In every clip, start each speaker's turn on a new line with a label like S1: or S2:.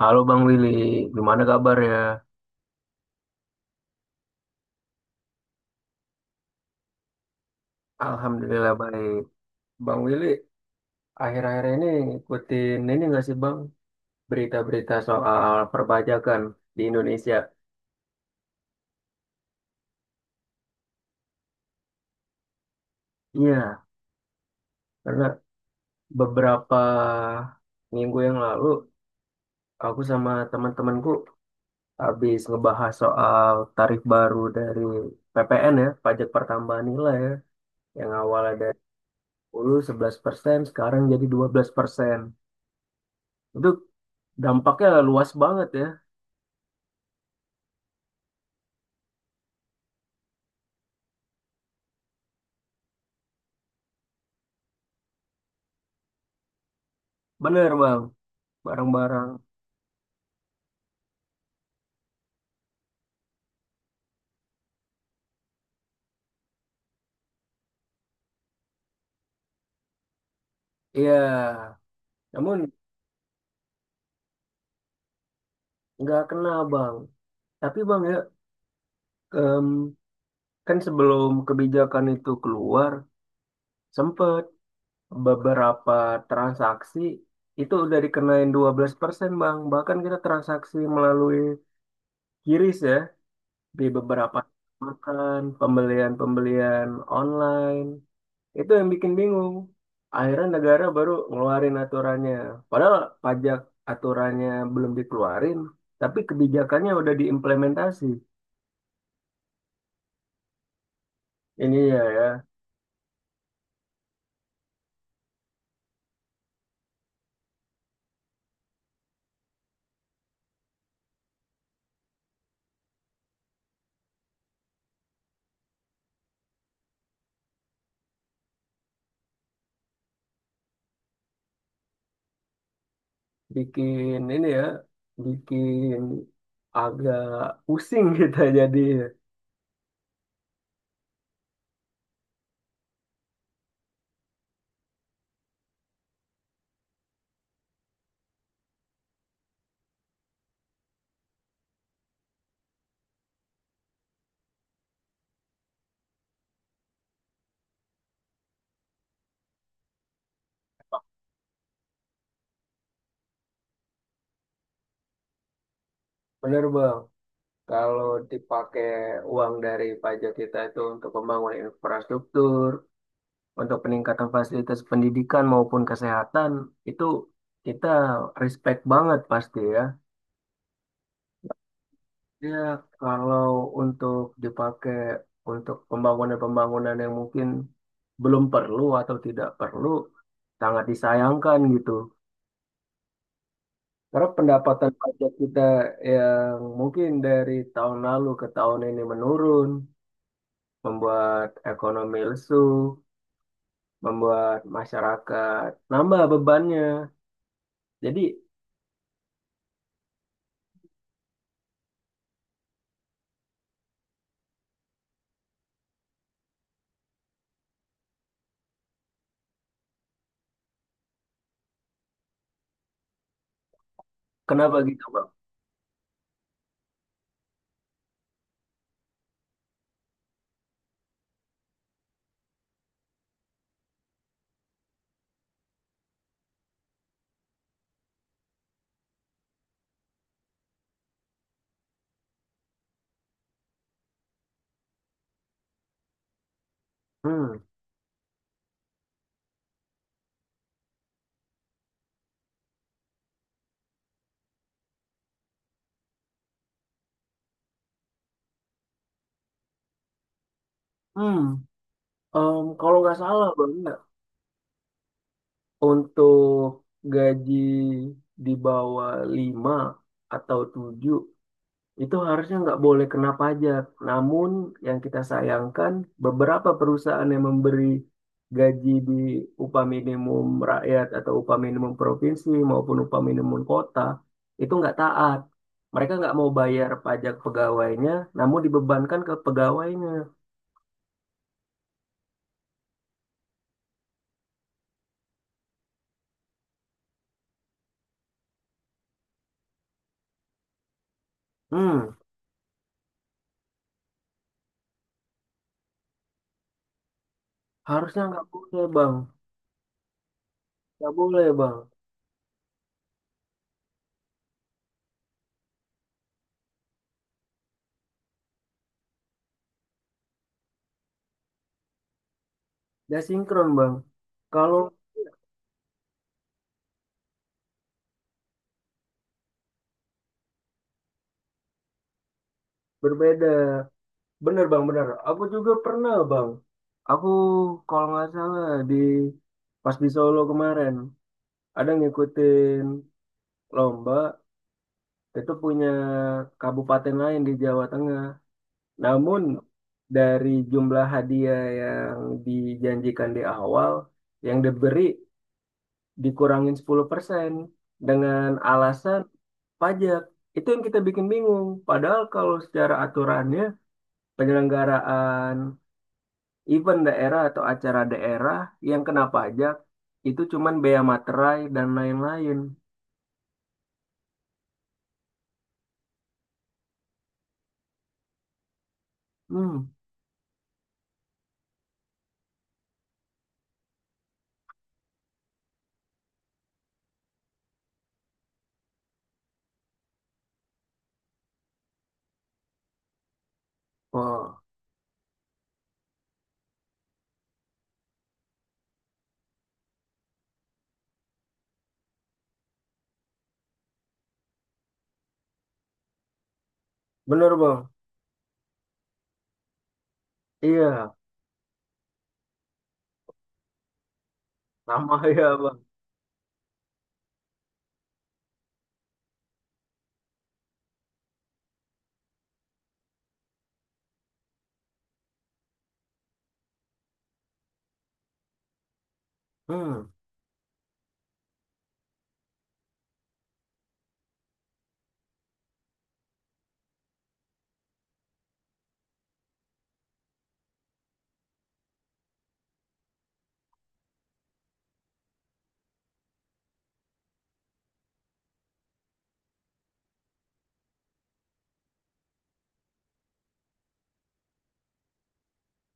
S1: Halo Bang Willy, gimana kabar ya? Alhamdulillah baik. Bang Willy, akhir-akhir ini ngikutin ini nggak sih Bang? Berita-berita soal perpajakan di Indonesia. Iya, karena beberapa minggu yang lalu aku sama teman-temanku habis ngebahas soal tarif baru dari PPN ya, pajak pertambahan nilai ya, yang awalnya dari 10% sekarang jadi 12%. Itu dampaknya luas banget ya. Bener Bang, barang-barang. Iya, namun nggak kena bang. Tapi bang ya, em, kan sebelum kebijakan itu keluar, sempet beberapa transaksi itu udah dikenain 12% bang. Bahkan kita transaksi melalui kiris ya, di beberapa makan, pembelian-pembelian online. Itu yang bikin bingung. Akhirnya negara baru ngeluarin aturannya. Padahal pajak aturannya belum dikeluarin, tapi kebijakannya udah diimplementasi. Ini ya ya, bikin ini ya, bikin agak pusing kita jadi. Bener Bang, kalau dipakai uang dari pajak kita itu untuk pembangunan infrastruktur, untuk peningkatan fasilitas pendidikan maupun kesehatan, itu kita respect banget pasti ya. Ya, kalau untuk dipakai untuk pembangunan-pembangunan yang mungkin belum perlu atau tidak perlu, sangat disayangkan gitu. Karena pendapatan pajak kita yang mungkin dari tahun lalu ke tahun ini menurun, membuat ekonomi lesu, membuat masyarakat nambah bebannya. Jadi, kenapa gitu, Bang? Hmm. Hmm. Kalau nggak salah, Bang, ya, untuk gaji di bawah 5 atau 7 itu harusnya nggak boleh kena pajak. Namun yang kita sayangkan beberapa perusahaan yang memberi gaji di upah minimum rakyat atau upah minimum provinsi maupun upah minimum kota itu nggak taat. Mereka nggak mau bayar pajak pegawainya, namun dibebankan ke pegawainya. Hmm, harusnya nggak boleh, Bang. Nggak boleh, Bang. Nggak sinkron, Bang. Kalau berbeda. Bener bang, bener. Aku juga pernah bang. Aku kalau nggak salah di pas di Solo kemarin ada ngikutin lomba itu punya kabupaten lain di Jawa Tengah. Namun dari jumlah hadiah yang dijanjikan di awal yang diberi dikurangin 10% dengan alasan pajak. Itu yang kita bikin bingung. Padahal kalau secara aturannya penyelenggaraan event daerah atau acara daerah yang kena pajak itu cuman bea materai dan lain-lain. Hmm, oh, bener bang. Iya, sama ya bang. Hmm,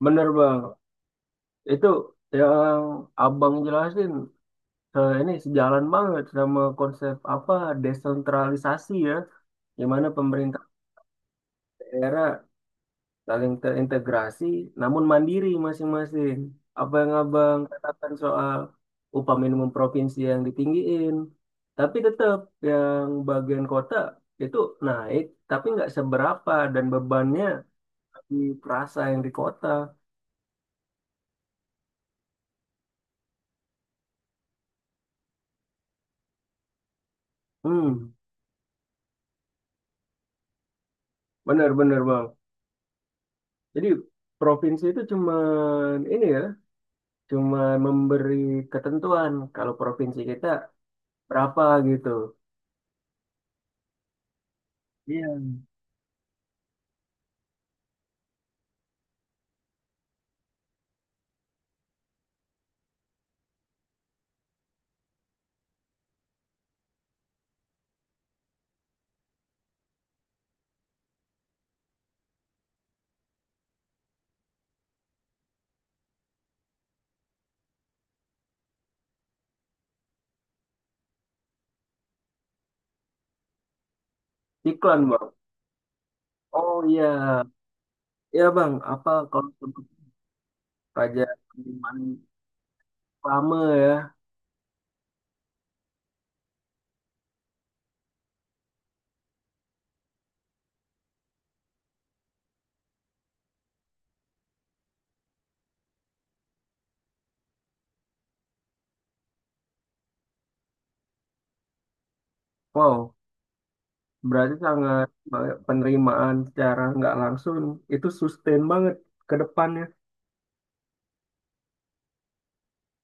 S1: bener bang. Itu yang abang jelasin ini sejalan banget sama konsep apa desentralisasi ya, di mana pemerintah daerah saling terintegrasi namun mandiri masing-masing. Apa yang abang katakan soal upah minimum provinsi yang ditinggiin, tapi tetap yang bagian kota itu naik, tapi nggak seberapa dan bebannya di perasa yang di kota. Hmm, benar-benar bang. Jadi provinsi itu cuman ini ya, cuman memberi ketentuan kalau provinsi kita berapa gitu. Iya. Iklan bang. Oh iya, iya bang, apa kalau untuk pajak penerimaan pamer? Wow, berarti sangat banget penerimaan secara nggak langsung itu sustain banget ke depannya.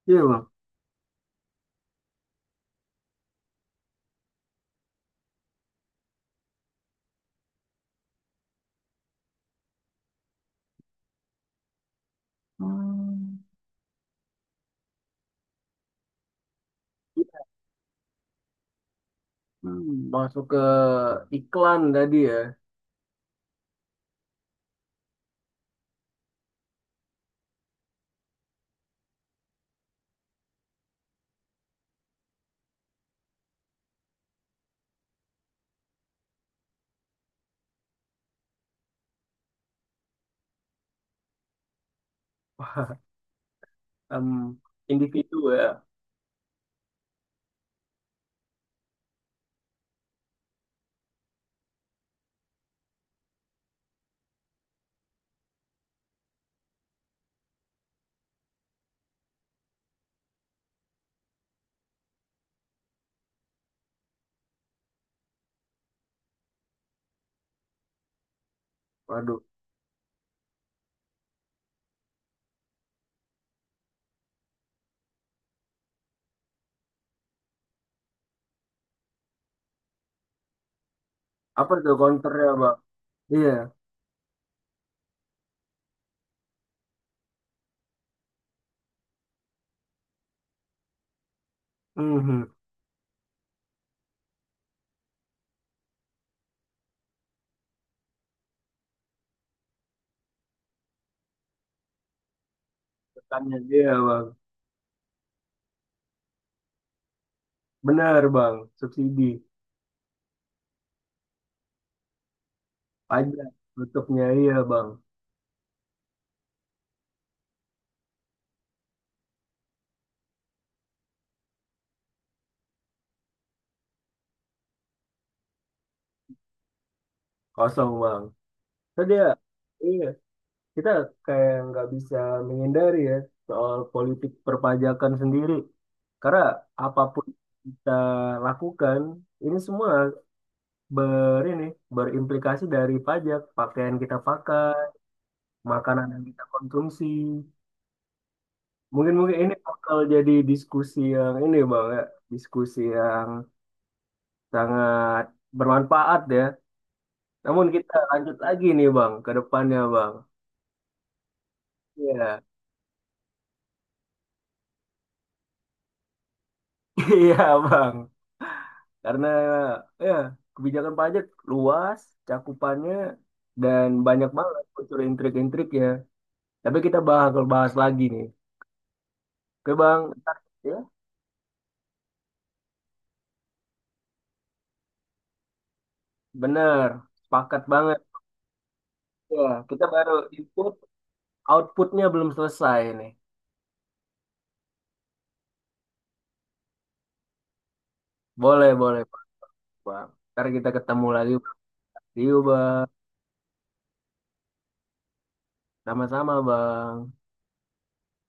S1: Iya bang. Hmm. Hmm, masuk ke iklan tadi ya. Wah, em, individu ya. Waduh, apa tuh counternya bang? Iya. Mhm, tekannya dia bang. Benar bang, subsidi pajak tutupnya iya bang, kosong bang. Tadi ya, iya. Kita kayak nggak bisa menghindari ya soal politik perpajakan sendiri. Karena apapun kita lakukan, ini semua ber ini berimplikasi dari pajak, pakaian kita pakai, makanan yang kita konsumsi. Mungkin mungkin ini bakal jadi diskusi yang ini Bang ya, diskusi yang sangat bermanfaat ya. Namun kita lanjut lagi nih Bang ke depannya Bang. Iya. Iya Bang. Karena ya kebijakan pajak luas cakupannya dan banyak banget unsur intrik-intriknya. Tapi kita bakal bahas lagi nih. Oke Bang, ntar ya bener, sepakat banget. Ya, kita baru input, outputnya belum selesai nih. Boleh, boleh Bang. Ntar kita ketemu lagi. See you Bang. Sama-sama Bang.